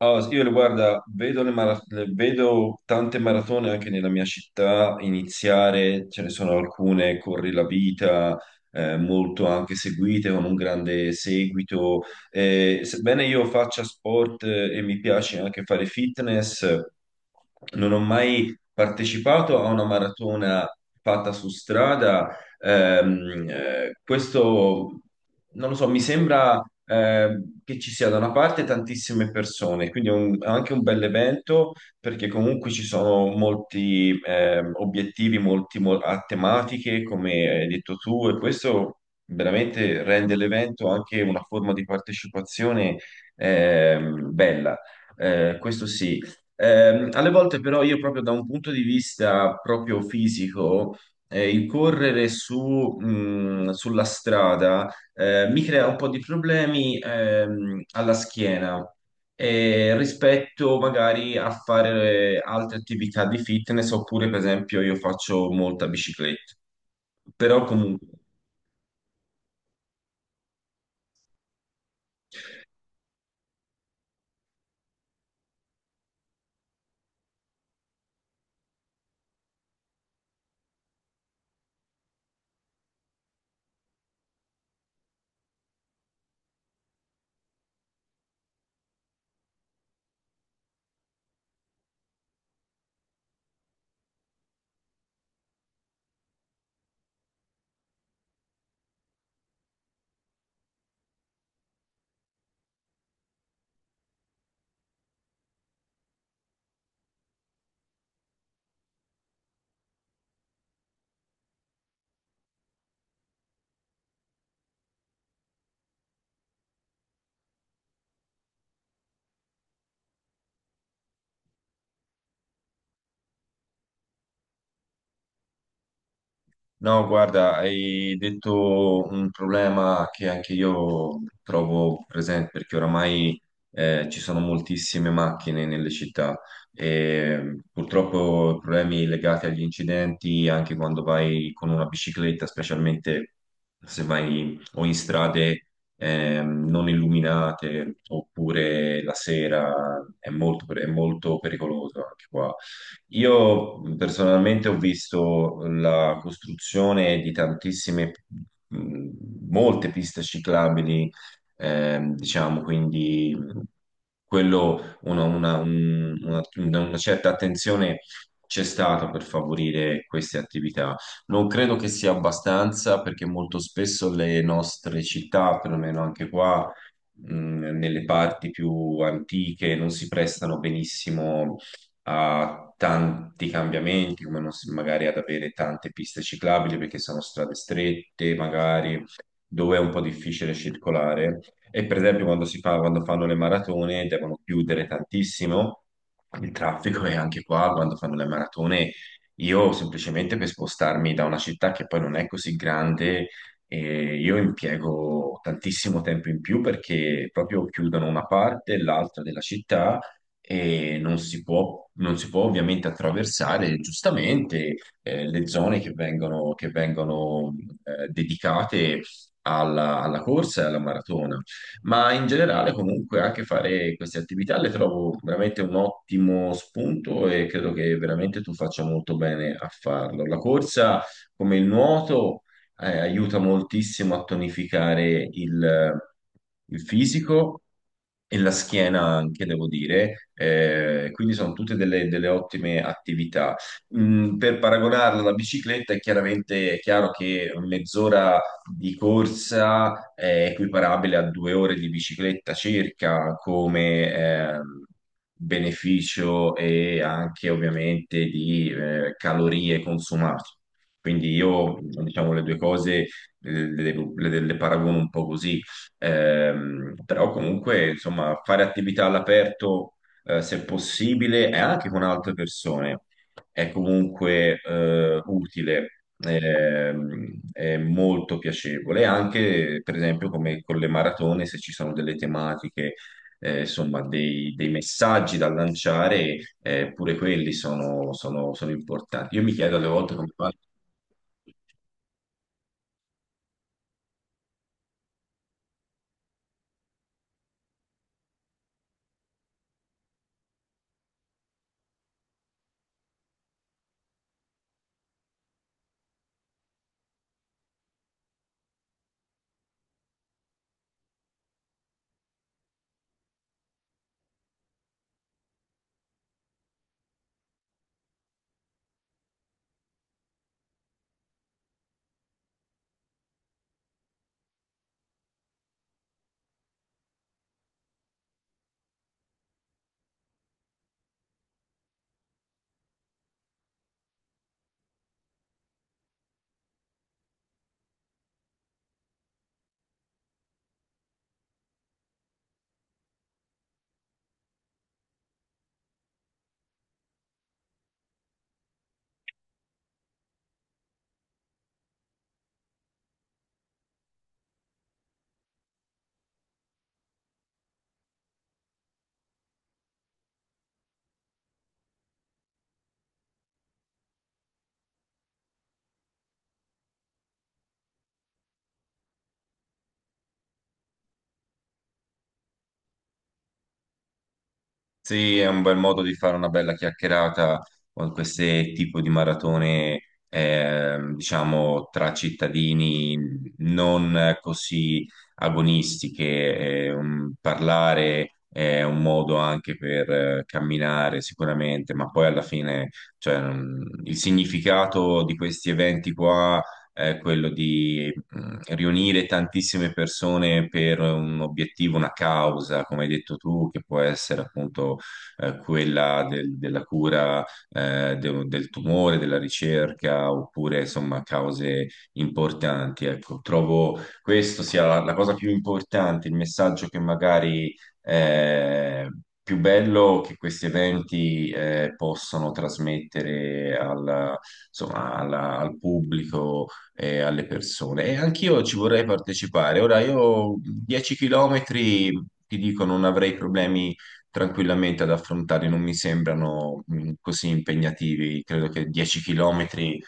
Allora, guarda, vedo tante maratone anche nella mia città iniziare, ce ne sono alcune, Corri la Vita, molto anche seguite, con un grande seguito. Sebbene io faccia sport, e mi piace anche fare fitness, non ho mai partecipato a una maratona fatta su strada. Questo, non lo so, mi sembra, che ci sia da una parte tantissime persone, quindi è anche un bel evento perché comunque ci sono molti obiettivi, a tematiche, come hai detto tu, e questo veramente rende l'evento anche una forma di partecipazione bella. Questo sì. Alle volte però io, proprio da un punto di vista proprio fisico, incorrere su, sulla strada, mi crea un po' di problemi alla schiena, rispetto magari a fare altre attività di fitness, oppure per esempio io faccio molta bicicletta. Però comunque. No, guarda, hai detto un problema che anche io trovo presente perché oramai ci sono moltissime macchine nelle città e purtroppo problemi legati agli incidenti anche quando vai con una bicicletta, specialmente se vai o in strade non illuminate oppure la sera, è molto pericoloso anche qua. Io, personalmente, ho visto la costruzione di tantissime, mh, molte piste ciclabili, diciamo, quindi, quello, una certa attenzione c'è stata per favorire queste attività. Non credo che sia abbastanza perché molto spesso le nostre città, perlomeno anche qua, nelle parti più antiche, non si prestano benissimo a tanti cambiamenti, come non s- magari ad avere tante piste ciclabili perché sono strade strette, magari dove è un po' difficile circolare. E per esempio quando fanno le maratone devono chiudere tantissimo il traffico, e anche qua quando fanno le maratone io, semplicemente per spostarmi da una città che poi non è così grande, e io impiego tantissimo tempo in più perché proprio chiudono una parte e l'altra della città e non si può ovviamente attraversare, giustamente, le zone che vengono, dedicate alla corsa e alla maratona. Ma in generale, comunque, anche fare queste attività le trovo veramente un ottimo spunto, e credo che veramente tu faccia molto bene a farlo. La corsa, come il nuoto, aiuta moltissimo a tonificare il fisico, e la schiena anche, devo dire. Quindi sono tutte delle ottime attività. Per paragonarla alla bicicletta, è chiaro che mezz'ora di corsa è equiparabile a due ore di bicicletta circa come, beneficio, e anche ovviamente di calorie consumate. Quindi io, diciamo, le due cose, le paragono un po' così. Però comunque, insomma, fare attività all'aperto, se possibile, e anche con altre persone, è comunque utile, è molto piacevole. Anche, per esempio, come con le maratone, se ci sono delle tematiche, insomma, dei messaggi da lanciare, pure quelli sono importanti. Io mi chiedo alle volte come fanno. Sì, è un bel modo di fare una bella chiacchierata con queste tipo di maratone, diciamo, tra cittadini non così agonistiche. Parlare è un modo anche per camminare sicuramente, ma poi alla fine, cioè, il significato di questi eventi qua è quello, riunire tantissime persone per un obiettivo, una causa, come hai detto tu, che può essere appunto quella della cura, del tumore, della ricerca, oppure insomma cause importanti. Ecco, trovo questo sia la cosa più importante, il messaggio che magari, eh, più bello, che questi eventi possono trasmettere insomma, al pubblico, alle persone. E anch'io ci vorrei partecipare. Ora, io 10 km, ti dico, non avrei problemi tranquillamente ad affrontare, non mi sembrano, così impegnativi. Credo che 10 km,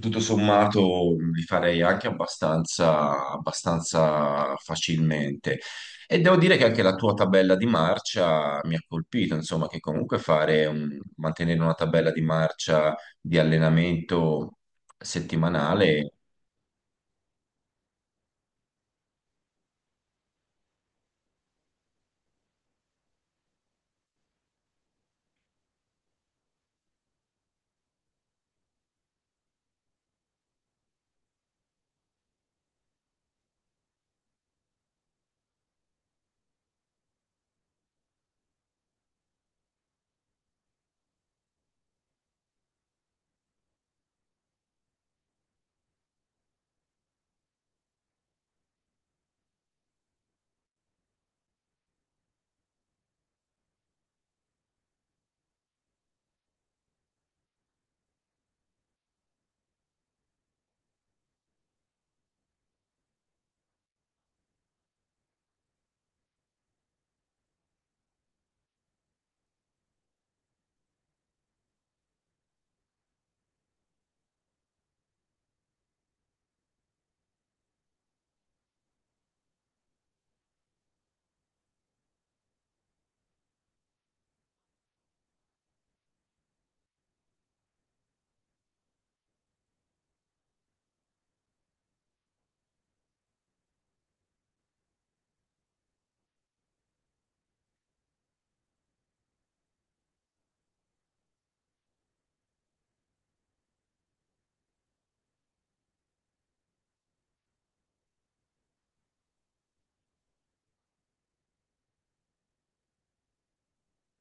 tutto sommato, li farei anche abbastanza, abbastanza facilmente. E devo dire che anche la tua tabella di marcia mi ha colpito, insomma, che comunque mantenere una tabella di marcia di allenamento settimanale.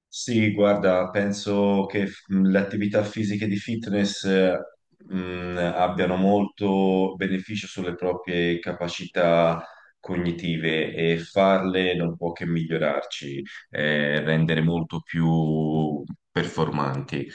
Sì, guarda, penso che le attività fisiche di fitness, abbiano molto beneficio sulle proprie capacità cognitive, e farle non può che migliorarci, rendere molto più performanti.